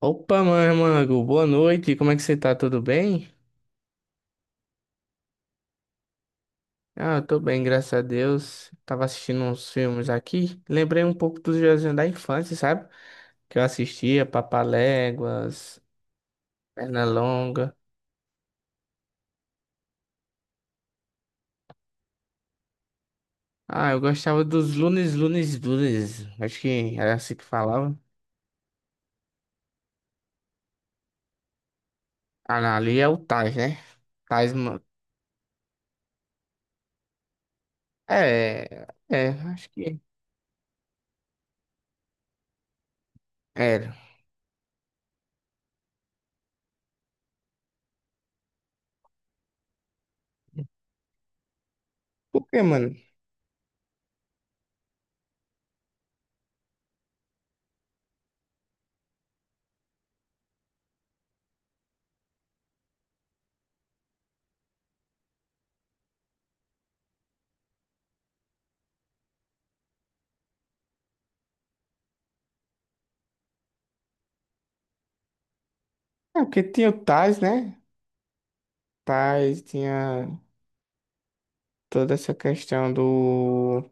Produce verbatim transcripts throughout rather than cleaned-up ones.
Opa, mano, mano, boa noite, como é que você tá? Tudo bem? Ah, eu tô bem, graças a Deus. Tava assistindo uns filmes aqui, lembrei um pouco dos desenhos da infância, sabe? Que eu assistia, Papaléguas, Pernalonga. Ah, eu gostava dos Lunes, Lunes, Lunes, acho que era assim que falava. Ah, não, ali é o Tais, né? Tais, mano. É, é, acho que era. Por que, mano? É porque tinha o Tais, né? Tais tinha toda essa questão do.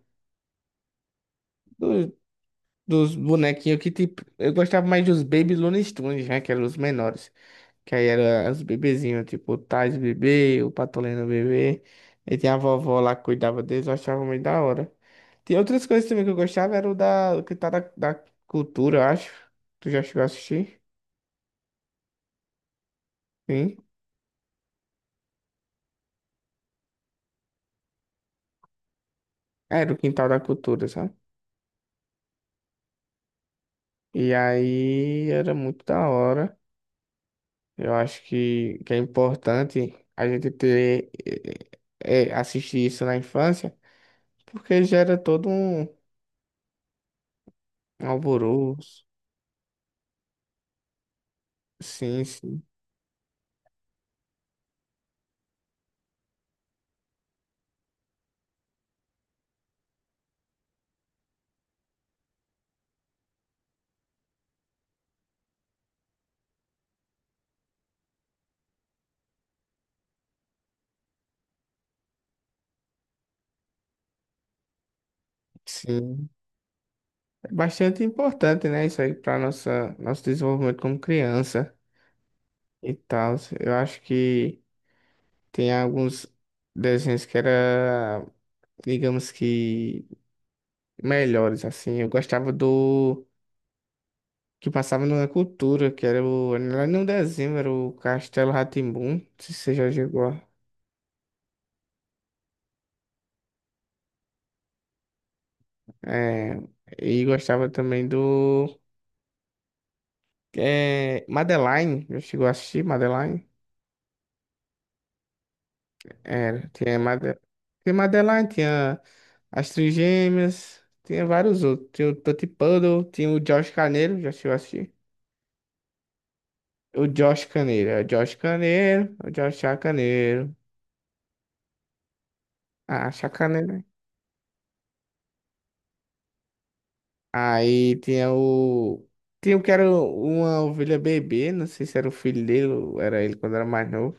Dos, dos bonequinhos que tipo. Eu gostava mais dos Baby Looney Tunes, né? Que eram os menores. Que aí eram os bebezinhos, tipo o Tais bebê, o Patolino bebê. E tinha a vovó lá que cuidava deles, eu achava muito da hora. Tinha outras coisas também que eu gostava, era o da, o Quintal da, da Cultura, eu acho. Tu já chegou a assistir? Sim. Era o Quintal da Cultura, sabe? E aí era muito da hora. Eu acho que, que é importante a gente ter, eh, eh, eh, assistir isso na infância. Porque gera todo um alvoroço. Sim, sim, sim. É bastante importante, né? Isso aí para nossa nosso desenvolvimento como criança e tal. Eu acho que tem alguns desenhos que era, digamos que melhores assim. Eu gostava do que passava na cultura, que era o não era nem um desenho, era o Castelo rá tim não sei se você já chegou a... É, e gostava também do É, Madeline, já chegou a assistir Madeline? Era, tinha, Made... tinha Madeline, tinha As Trigêmeas, tinha vários outros. Tinha o Tutti Puddle, tinha o Josh Caneiro, já chegou a assistir? O Josh Caneiro, é o Josh Caneiro, o Josh Chacaneiro. Ah, Chacaneiro, né? Aí tinha o. Tinha o que era uma ovelha bebê, não sei se era o filho dele ou era ele quando era mais novo.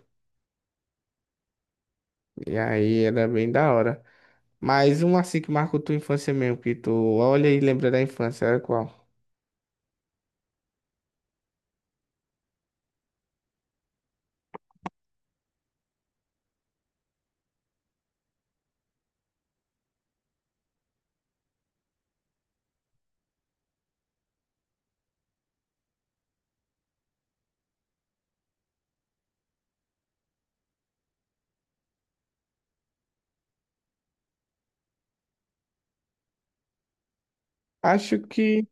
E aí era bem da hora. Mas um assim que marcou tua infância mesmo, que tu olha e lembra da infância, era qual? Acho que.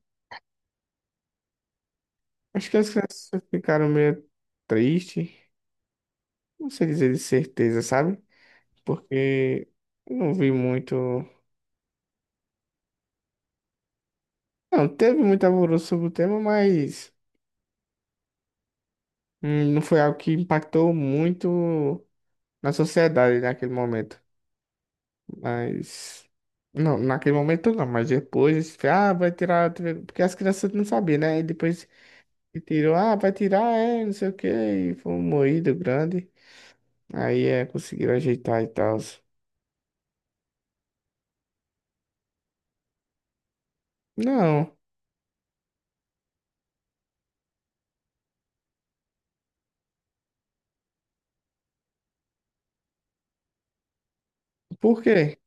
Acho que as crianças ficaram meio tristes. Não sei dizer de certeza, sabe? Porque não vi muito. Não, teve muito alvoroço sobre o tema, mas hum, não foi algo que impactou muito na sociedade naquele momento. Mas. Não, naquele momento não, mas depois, ah, vai tirar a T V, porque as crianças não sabiam, né? E depois. E tirou, ah, vai tirar, é, não sei o quê. E foi um moído grande. Aí é, conseguiram ajeitar e tal. Não, por quê?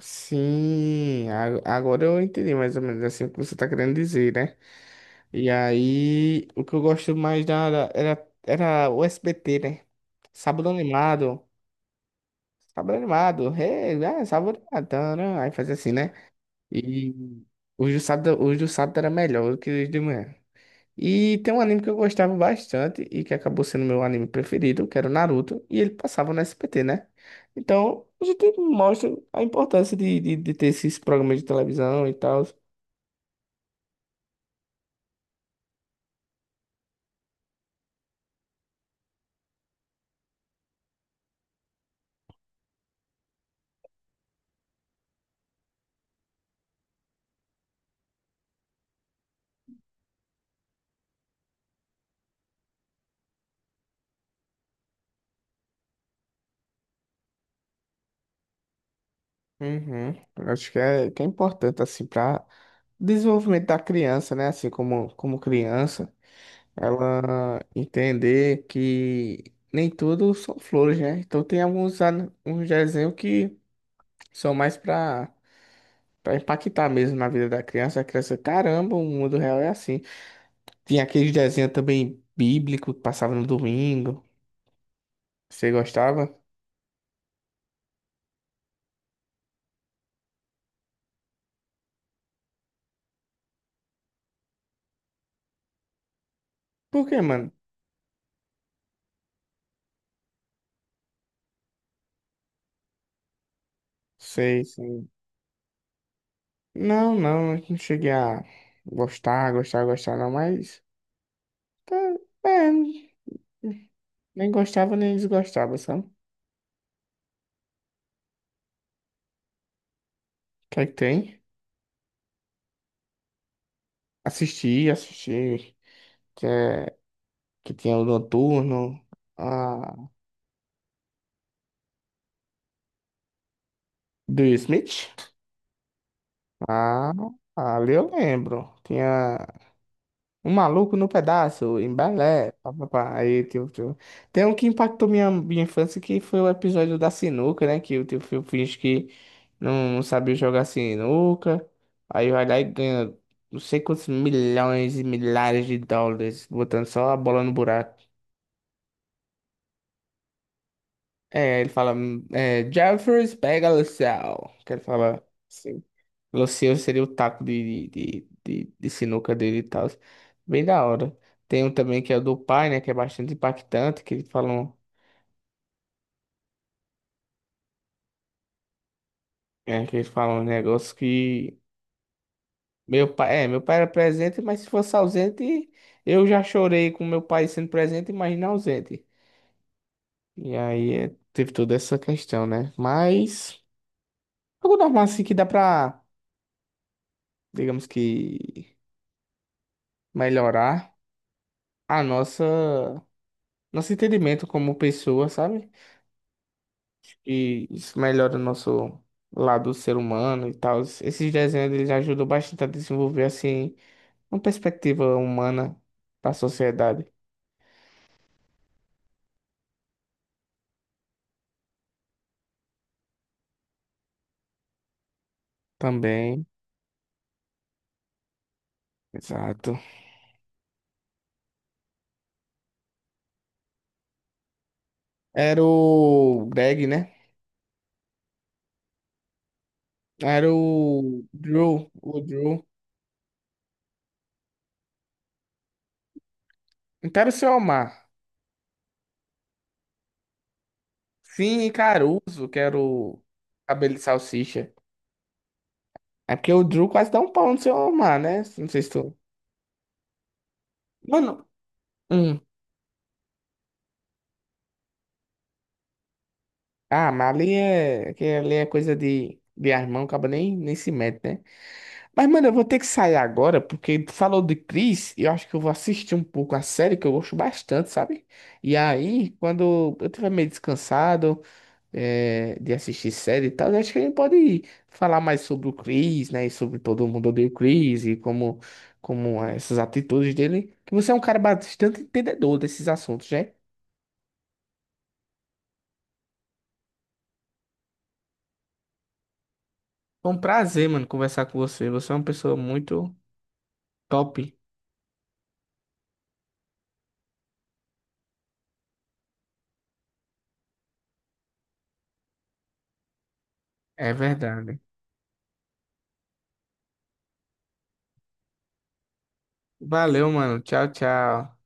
Sim, a- agora eu entendi mais ou menos assim o que você tá querendo dizer, né? E aí, o que eu gosto mais da, da- era, era o S B T, né? Sábado animado. Sábado animado. Hey, ah, sábado animado. Tá, né? Aí fazia assim, né? E os do sábado, os do sábado era melhor do que os de manhã. E tem um anime que eu gostava bastante e que acabou sendo meu anime preferido, que era o Naruto, e ele passava no S B T, né? Então, a gente mostra a importância de, de, de ter esses programas de televisão e tal. Uhum. Eu acho que é, que é importante, assim, para desenvolvimento da criança, né? Assim, como, como criança, ela entender que nem tudo são flores, né? Então, tem alguns, an- uns desenhos que são mais para pra impactar mesmo na vida da criança, a criança, caramba, o mundo real é assim. Tinha aqueles desenhos também bíblico que passava no domingo. Você gostava? Por quê, mano? Sei, sei. Não, não, não cheguei a gostar, gostar, gostar, não, mas. Tá, é, nem gostava nem desgostava, sabe? O que é que tem? Assisti, assisti. Que, é, que tinha o Noturno, a do Smith. Ah, ali eu lembro. Tinha. Um maluco no pedaço, em balé, papapá. Aí, tio, tio. Tem um que impactou minha, minha infância, que foi o episódio da sinuca, né? Que o tio Phil finge que não sabia jogar sinuca. Aí vai lá e ganha não sei quantos milhões e milhares de dólares, botando só a bola no buraco. É, ele fala, hum, é, Jeffers, pega o céu. Que ele fala. Assim, Luciano seria o taco de, de, de, de- sinuca dele e tal. Bem da hora. Tem um também que é o do pai, né? Que é bastante impactante, que ele fala um, é, que ele fala um negócio que. Meu pai, é, meu pai era presente, mas se fosse ausente, eu já chorei com meu pai sendo presente, imagina ausente. E aí é, teve toda essa questão, né? Mas algo normal assim que dá pra, digamos que, melhorar a nossa, nosso entendimento como pessoa, sabe? E isso melhora o nosso lado ser humano e tal. Esses desenhos eles ajudam bastante a desenvolver assim uma perspectiva humana da sociedade também. Exato. Era o Greg, né? Era o Drew, o Drew. Então era o seu Omar. Sim, e Caruso, que era o cabelo de salsicha. É porque o Drew quase dá um pau no seu Omar, né? Não sei se tu. Mano. Um. Ah, mas ali é, que ali é coisa de, de irmão, acaba nem, nem se mete, né? Mas, mano, eu vou ter que sair agora, porque tu falou de Chris, e eu acho que eu vou assistir um pouco a série, que eu gosto bastante, sabe? E aí, quando eu tiver meio descansado, é, de assistir série e tal, eu acho que a gente pode falar mais sobre o Chris, né? E sobre todo mundo odeia o Chris, e como, como é essas atitudes dele. Que você é um cara bastante entendedor desses assuntos, né? Foi um prazer, mano, conversar com você. Você é uma pessoa muito top. É verdade. Valeu, mano. Tchau, tchau.